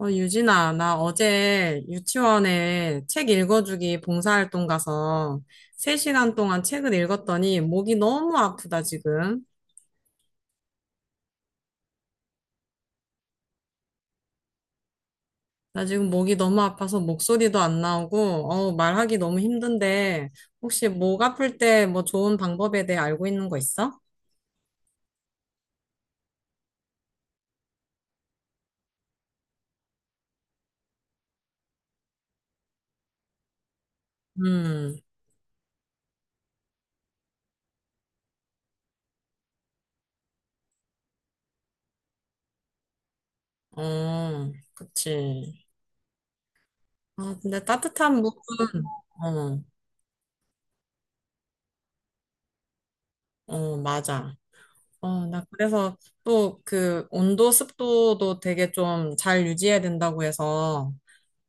유진아, 나 어제 유치원에 책 읽어주기 봉사활동 가서 3시간 동안 책을 읽었더니 목이 너무 아프다, 지금. 나 지금 목이 너무 아파서 목소리도 안 나오고, 말하기 너무 힘든데, 혹시 목 아플 때 뭐 좋은 방법에 대해 알고 있는 거 있어? 음. 어, 그치. 아, 근데 따뜻한 목은, 어, 어, 맞아. 어, 나 그래서 또 그 온도 습도도 되게 좀 잘 유지해야 된다고 해서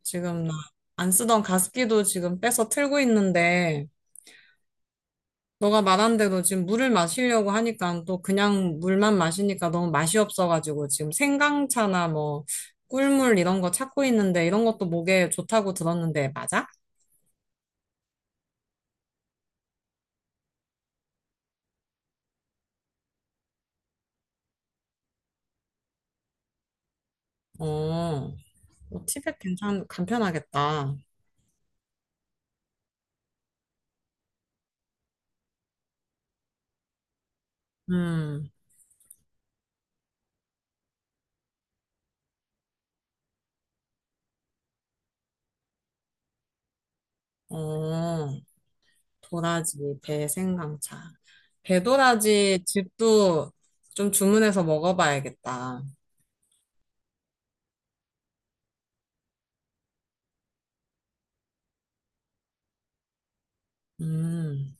지금 나 안 쓰던 가습기도 지금 빼서 틀고 있는데 너가 말한 대로 지금 물을 마시려고 하니까 또 그냥 물만 마시니까 너무 맛이 없어가지고 지금 생강차나 뭐 꿀물 이런 거 찾고 있는데 이런 것도 목에 좋다고 들었는데 맞아? 어, 뭐 티백 괜찮, 간편하겠다. 음. 어. 도라지, 배생강차. 배도라지 즙도 좀 주문해서 먹어봐야겠다. 음,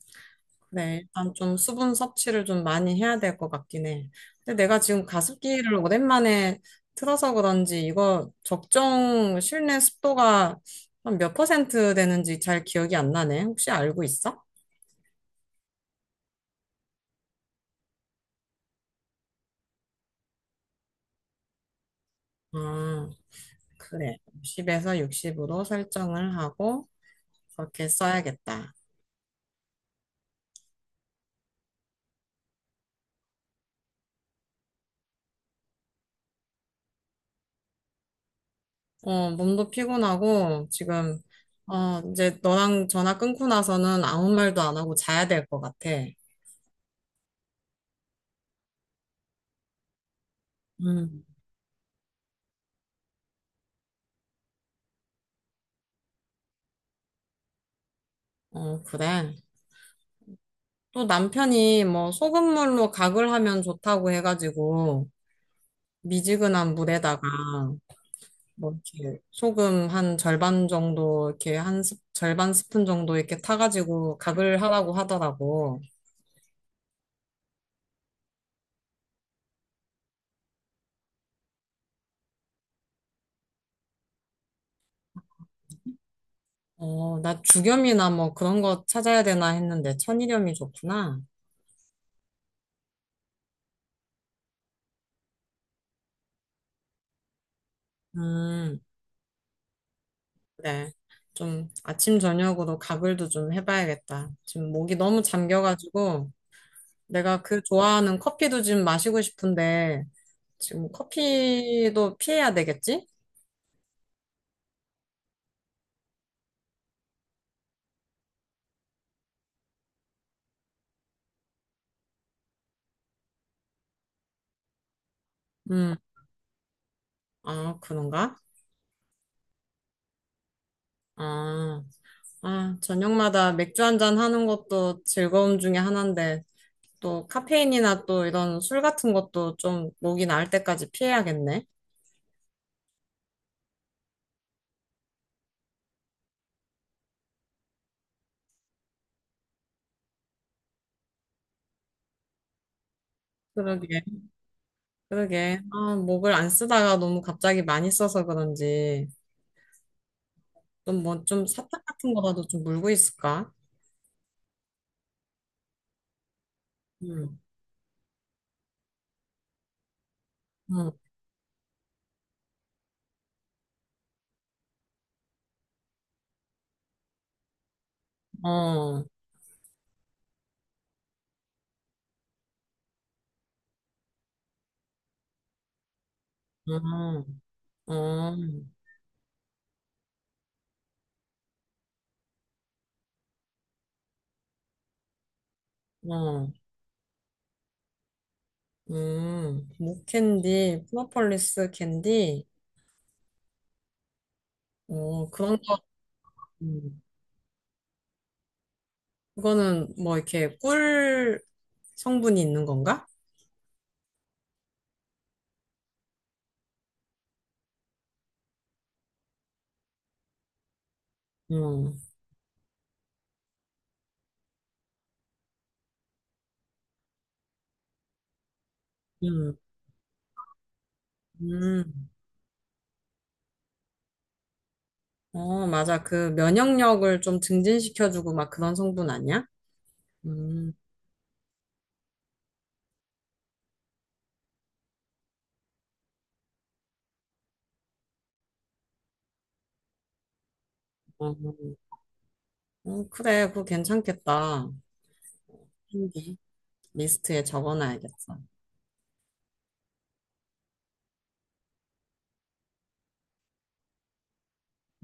그래. 일단 좀 수분 섭취를 좀 많이 해야 될 것 같긴 해. 근데 내가 지금 가습기를 오랜만에 틀어서 그런지 이거 적정 실내 습도가 한 몇 퍼센트 되는지 잘 기억이 안 나네. 혹시 알고 있어? 아, 그래. 60에서 60으로 설정을 하고 그렇게 써야겠다. 어, 몸도 피곤하고, 지금, 이제 너랑 전화 끊고 나서는 아무 말도 안 하고 자야 될 것 같아. 음. 어, 그래. 또 남편이 뭐 소금물로 각을 하면 좋다고 해가지고, 미지근한 물에다가, 뭐 이렇게 소금 한 절반 정도, 이렇게 한 스, 절반 스푼 정도 이렇게 타가지고 각을 하라고 하더라고. 어, 나 죽염이나 뭐 그런 거 찾아야 되나 했는데, 천일염이 좋구나. 음. 네. 좀 아침 저녁으로 가글도 좀 해봐야겠다. 지금 목이 너무 잠겨가지고 내가 그 좋아하는 커피도 지금 마시고 싶은데 지금 커피도 피해야 되겠지? 음. 아, 그런가? 아. 아, 저녁마다 맥주 한잔 하는 것도 즐거움 중에 하나인데 또 카페인이나 또 이런 술 같은 것도 좀 목이 나을 때까지 피해야겠네. 그러게, 그러게. 아, 목을 안 쓰다가 너무 갑자기 많이 써서 그런지. 좀 뭐 좀 사탕 같은 거라도 좀 물고 있을까? 응, 응, 어, 어, 어, 어. 목캔디, 프로폴리스 캔디, 어, 그런 거, 음, 그거는 뭐 이렇게 꿀 성분이 있는 건가? 응, 응. 음, 어, 맞아. 그 면역력을 좀 증진시켜주고 막 그런 성분 아니야? 음, 어, 어, 어, 그래, 그거 괜찮겠다. 캔디 리스트에 적어놔야겠어.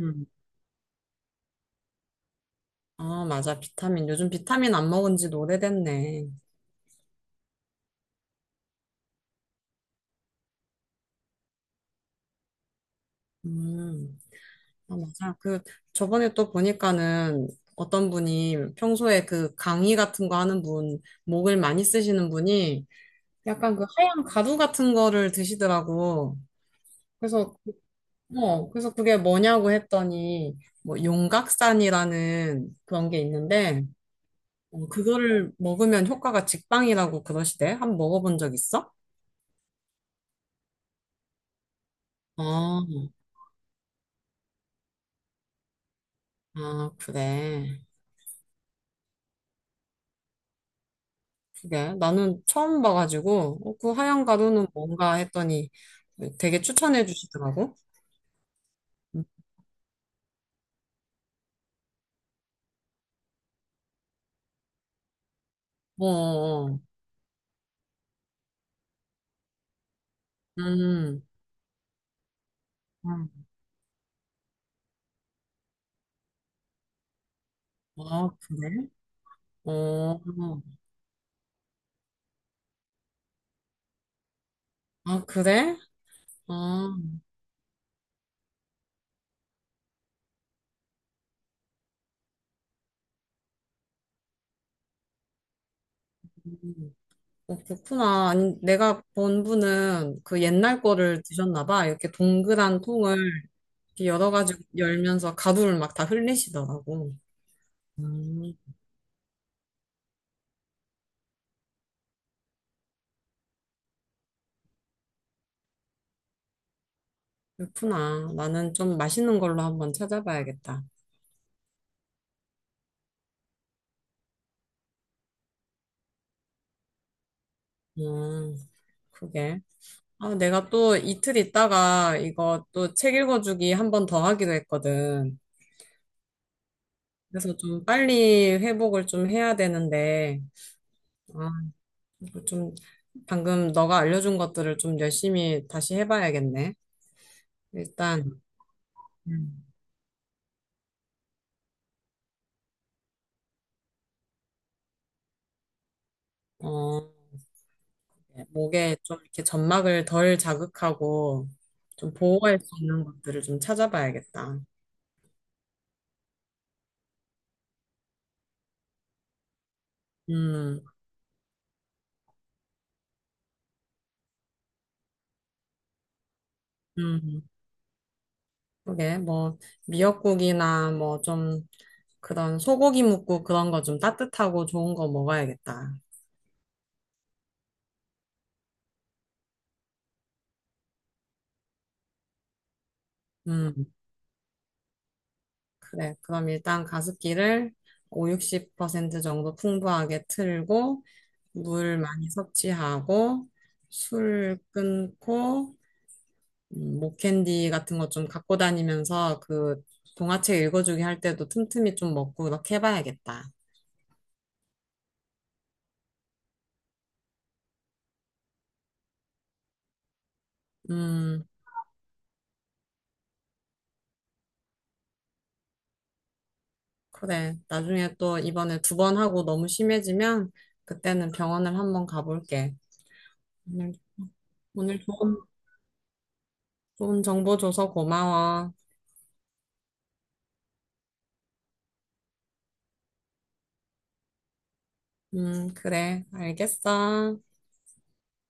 응. 아, 맞아. 비타민. 요즘 비타민 안 먹은 지도 오래됐네. 음. 아, 맞아. 그, 저번에 또 보니까는 어떤 분이 평소에 그 강의 같은 거 하는 분, 목을 많이 쓰시는 분이 약간 그 하얀 가루 같은 거를 드시더라고. 그래서, 그래서 그게 뭐냐고 했더니, 뭐, 용각산이라는 그런 게 있는데, 어, 그거를 먹으면 효과가 직방이라고 그러시대. 한번 먹어본 적 있어? 어, 아, 그래. 그게 나는 처음 봐가지고 어, 그 하얀 가루는 뭔가 했더니 되게 추천해 주시더라고. 음, 어, 어, 음, 음. 아 그래? 어, 아 그래? 아, 음. 어, 그렇구나. 아니, 내가 본 분은 그 옛날 거를 드셨나 봐. 이렇게 동그란 통을 이렇게 열어가지고 열면서 가루를 막 다 흘리시더라고. 음. 그렇구나. 나는 좀 맛있는 걸로 한번 찾아봐야겠다. 음, 그게. 아, 내가 또 이틀 있다가 이거 또 책 읽어주기 한 번 더 하기로 했거든. 그래서 좀 빨리 회복을 좀 해야 되는데, 아, 이거 좀 방금 너가 알려준 것들을 좀 열심히 다시 해봐야겠네. 일단, 음, 어, 목에 좀 이렇게 점막을 덜 자극하고 좀 보호할 수 있는 것들을 좀 찾아봐야겠다. 음, 음, 그게 뭐 미역국이나 뭐좀 그런 소고기 묵국 그런 거 좀 따뜻하고 좋은 거 먹어야겠다. 음, 그래. 그럼 일단 가습기를 5, 60% 정도 풍부하게 틀고, 물 많이 섭취하고, 술 끊고, 목캔디 같은 거 좀 갖고 다니면서 그 동화책 읽어주기 할 때도 틈틈이 좀 먹고 이렇게 해봐야겠다. 음, 그래. 나중에 또 이번에 두 번 하고 너무 심해지면 그때는 병원을 한번 가볼게. 오늘 오늘 좋은 정보 줘서 고마워. 그래. 알겠어.